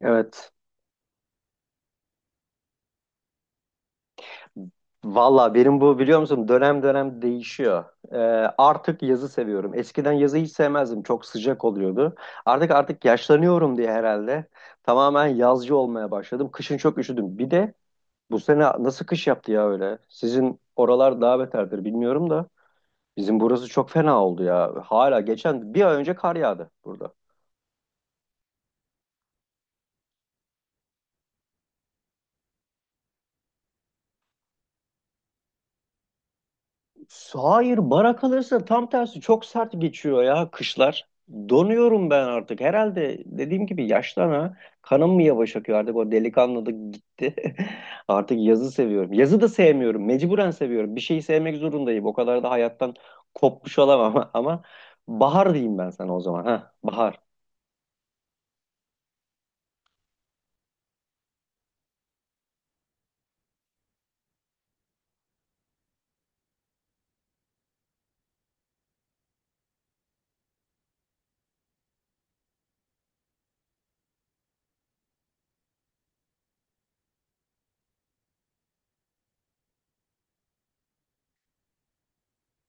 Evet. Valla benim bu biliyor musun dönem dönem değişiyor. Ee, Artık yazı seviyorum. Eskiden yazı hiç sevmezdim. Çok sıcak oluyordu. Artık yaşlanıyorum diye herhalde tamamen yazcı olmaya başladım. Kışın çok üşüdüm. Bir de bu sene nasıl kış yaptı ya öyle? Sizin oralar daha beterdir bilmiyorum da. Bizim burası çok fena oldu ya. Hala geçen bir ay önce kar yağdı burada. Hayır, bara kalırsa tam tersi çok sert geçiyor ya kışlar. Donuyorum ben artık. Herhalde dediğim gibi yaştan ha. Kanım mı yavaş akıyor artık o delikanlılık gitti. Artık yazı seviyorum. Yazı da sevmiyorum. Mecburen seviyorum. Bir şeyi sevmek zorundayım. O kadar da hayattan kopmuş olamam ama bahar diyeyim ben sana o zaman. Ha, bahar.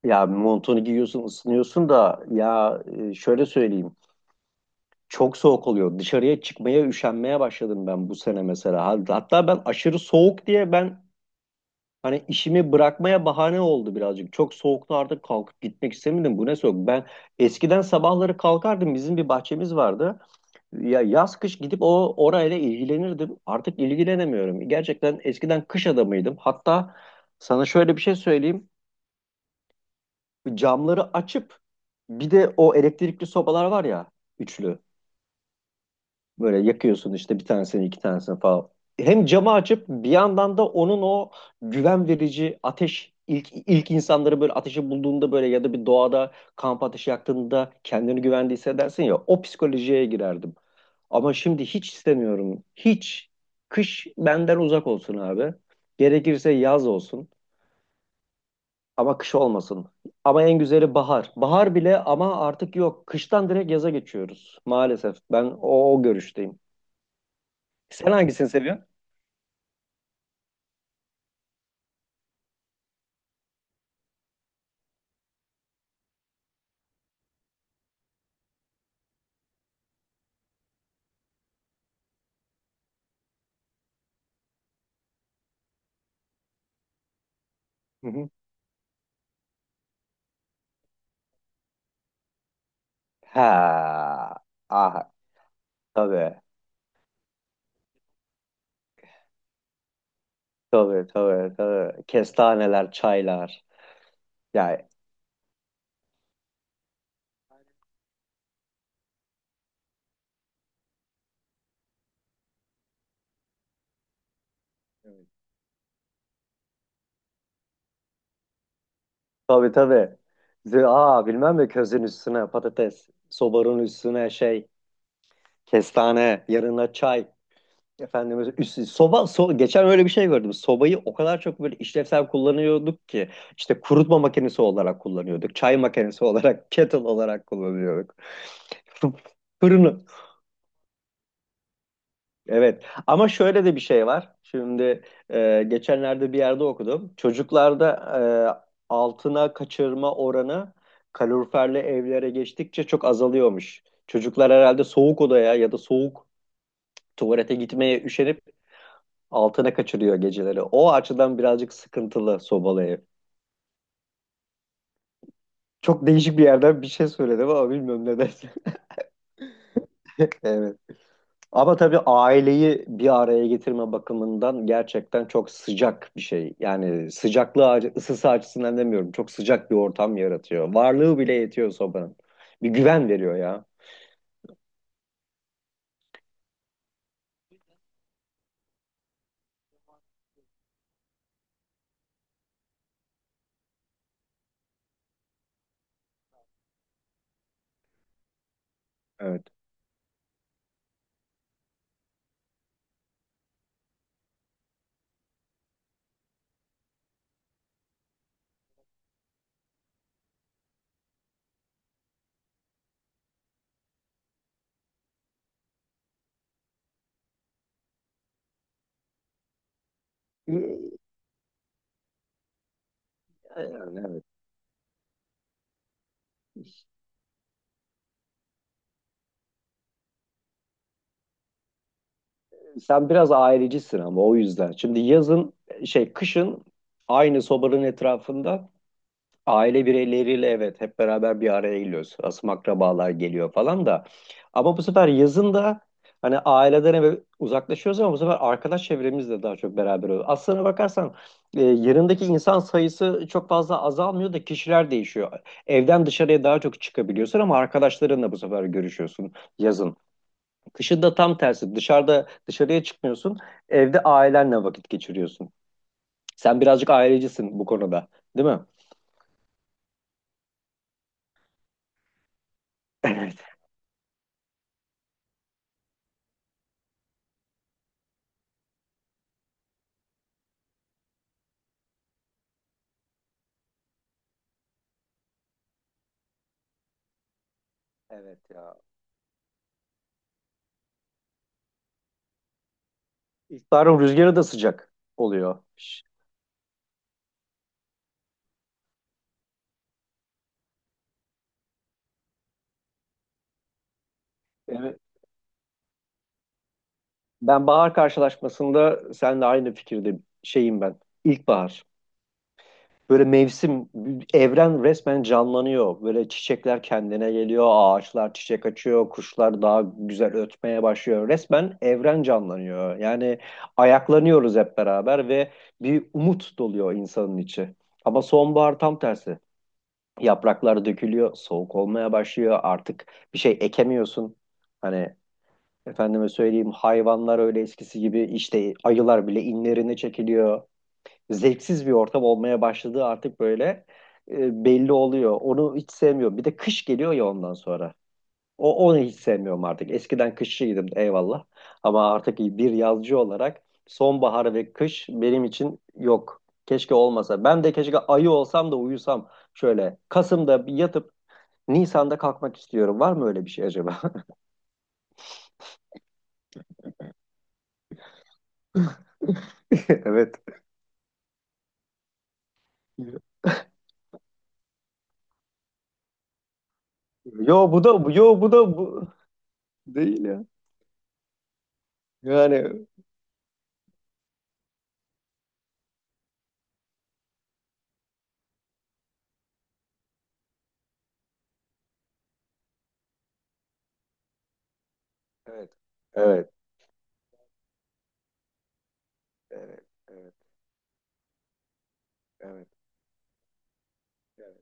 Ya montunu giyiyorsun, ısınıyorsun da ya şöyle söyleyeyim. Çok soğuk oluyor. Dışarıya çıkmaya üşenmeye başladım ben bu sene mesela. Hatta ben aşırı soğuk diye ben hani işimi bırakmaya bahane oldu birazcık. Çok soğukta artık kalkıp gitmek istemedim. Bu ne soğuk? Ben eskiden sabahları kalkardım. Bizim bir bahçemiz vardı. Ya yaz kış gidip o orayla ilgilenirdim. Artık ilgilenemiyorum. Gerçekten eskiden kış adamıydım. Hatta sana şöyle bir şey söyleyeyim. Camları açıp bir de o elektrikli sobalar var ya üçlü. Böyle yakıyorsun işte bir tanesini iki tanesini falan. Hem camı açıp bir yandan da onun o güven verici ateş ilk insanları böyle ateşi bulduğunda böyle ya da bir doğada kamp ateşi yaktığında kendini güvende hissedersin ya o psikolojiye girerdim. Ama şimdi hiç istemiyorum. Hiç. Kış benden uzak olsun abi. Gerekirse yaz olsun ama kış olmasın. Ama en güzeli bahar. Bahar bile ama artık yok. Kıştan direkt yaza geçiyoruz. Maalesef ben o görüşteyim. Sen hangisini seviyorsun? Hı hı. Ha, ah, tabii, tabii, tabii, tabii. Kestaneler, çaylar. Yani tabii, tabii. Aa bilmem mi, közün üstüne patates, sobanın üstüne şey, kestane, yanına çay. Efendim geçen öyle bir şey gördüm. Sobayı o kadar çok böyle işlevsel kullanıyorduk ki işte kurutma makinesi olarak kullanıyorduk. Çay makinesi olarak, kettle olarak kullanıyorduk. Fırını evet ama şöyle de bir şey var. Şimdi geçenlerde bir yerde okudum. Çocuklarda altına kaçırma oranı kaloriferli evlere geçtikçe çok azalıyormuş. Çocuklar herhalde soğuk odaya ya da soğuk tuvalete gitmeye üşenip altına kaçırıyor geceleri. O açıdan birazcık sıkıntılı sobalı ev. Çok değişik bir yerden bir şey söyledim ama bilmiyorum ne dersin. Evet. Ama tabii aileyi bir araya getirme bakımından gerçekten çok sıcak bir şey. Yani sıcaklığı, ısısı açısından demiyorum. Çok sıcak bir ortam yaratıyor. Varlığı bile yetiyor sobanın. Bir güven veriyor ya. Evet. Yani evet. Sen biraz ailecisin ama o yüzden. Şimdi yazın şey, kışın aynı sobanın etrafında aile bireyleriyle evet hep beraber bir araya geliyoruz. Asım akrabalar geliyor falan da. Ama bu sefer yazın da hani aileden eve uzaklaşıyoruz ama bu sefer arkadaş çevremizle daha çok beraber oluyoruz. Aslına bakarsan yanındaki insan sayısı çok fazla azalmıyor da kişiler değişiyor. Evden dışarıya daha çok çıkabiliyorsun ama arkadaşlarınla bu sefer görüşüyorsun yazın. Kışın da tam tersi. Dışarıya çıkmıyorsun. Evde ailenle vakit geçiriyorsun. Sen birazcık ailecisin bu konuda, değil mi? Evet. Evet ya. İlkbaharın rüzgarı da sıcak oluyor. Evet. Ben bahar karşılaşmasında seninle aynı fikirde şeyim ben. İlkbahar. Böyle mevsim, evren resmen canlanıyor. Böyle çiçekler kendine geliyor, ağaçlar çiçek açıyor, kuşlar daha güzel ötmeye başlıyor. Resmen evren canlanıyor. Yani ayaklanıyoruz hep beraber ve bir umut doluyor insanın içi. Ama sonbahar tam tersi. Yapraklar dökülüyor, soğuk olmaya başlıyor. Artık bir şey ekemiyorsun. Hani efendime söyleyeyim hayvanlar öyle eskisi gibi işte ayılar bile inlerine çekiliyor. Zevksiz bir ortam olmaya başladığı artık böyle belli oluyor. Onu hiç sevmiyorum. Bir de kış geliyor ya ondan sonra. Onu hiç sevmiyorum artık. Eskiden kışçıydım eyvallah. Ama artık bir yazcı olarak sonbahar ve kış benim için yok. Keşke olmasa. Ben de keşke ayı olsam da uyusam. Şöyle Kasım'da bir yatıp Nisan'da kalkmak istiyorum. Var mı öyle bir şey acaba? Evet. Yo bu da yo bu da bu değil ya. Yani evet. Evet. Evet. Evet. Evet. Evet.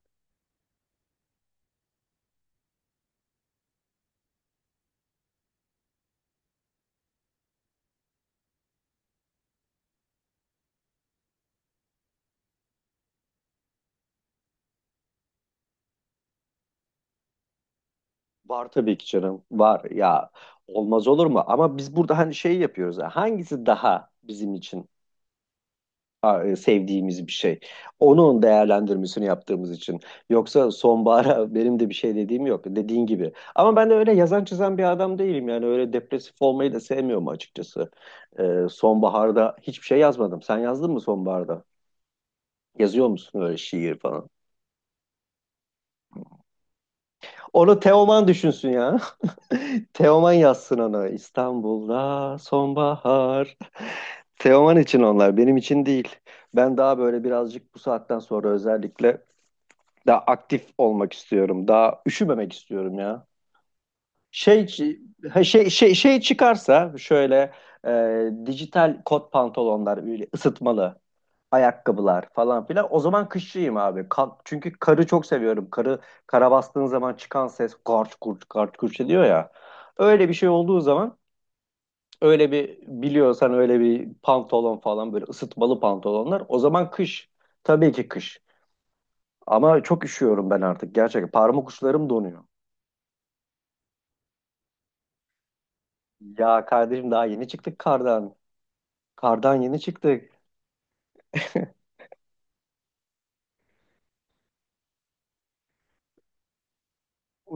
Var tabii ki canım. Var ya. Olmaz olur mu? Ama biz burada hani şey yapıyoruz ya, hangisi daha bizim için sevdiğimiz bir şey? Onun değerlendirmesini yaptığımız için. Yoksa sonbahara benim de bir şey dediğim yok. Dediğin gibi. Ama ben de öyle yazan çizen bir adam değilim. Yani öyle depresif olmayı da sevmiyorum açıkçası. Sonbaharda hiçbir şey yazmadım. Sen yazdın mı sonbaharda? Yazıyor musun öyle şiir falan? Onu Teoman düşünsün ya. Teoman yazsın onu. İstanbul'da sonbahar. Teoman için onlar, benim için değil. Ben daha böyle birazcık bu saatten sonra özellikle daha aktif olmak istiyorum. Daha üşümemek istiyorum ya. Şey ha, şey çıkarsa şöyle dijital kot pantolonlar böyle ısıtmalı ayakkabılar falan filan. O zaman kışçıyım abi. Çünkü karı çok seviyorum. Karı kara bastığın zaman çıkan ses garç kurç garç kurç ediyor ya. Öyle bir şey olduğu zaman öyle bir biliyorsan öyle bir pantolon falan böyle ısıtmalı pantolonlar. O zaman kış. Tabii ki kış. Ama çok üşüyorum ben artık gerçekten. Parmak uçlarım donuyor. Ya kardeşim daha yeni çıktık kardan. Kardan yeni çıktık.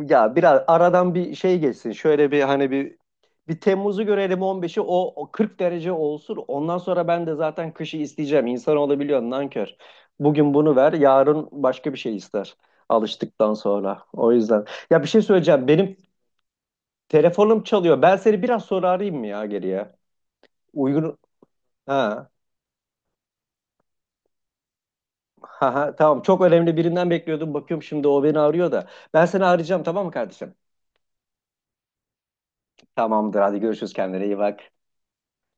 Ya biraz aradan bir şey geçsin. Şöyle bir hani bir Temmuz'u görelim, 15'i, o 40 derece olsun. Ondan sonra ben de zaten kışı isteyeceğim. İnsan olabiliyor nankör. Bugün bunu ver, yarın başka bir şey ister. Alıştıktan sonra. O yüzden. Ya bir şey söyleyeceğim. Benim telefonum çalıyor. Ben seni biraz sonra arayayım mı ya geriye? Uygun. Ha, ha, ha, tamam. Çok önemli birinden bekliyordum. Bakıyorum şimdi o beni arıyor da. Ben seni arayacağım tamam mı kardeşim? Tamamdır. Hadi görüşürüz. Kendine iyi bak.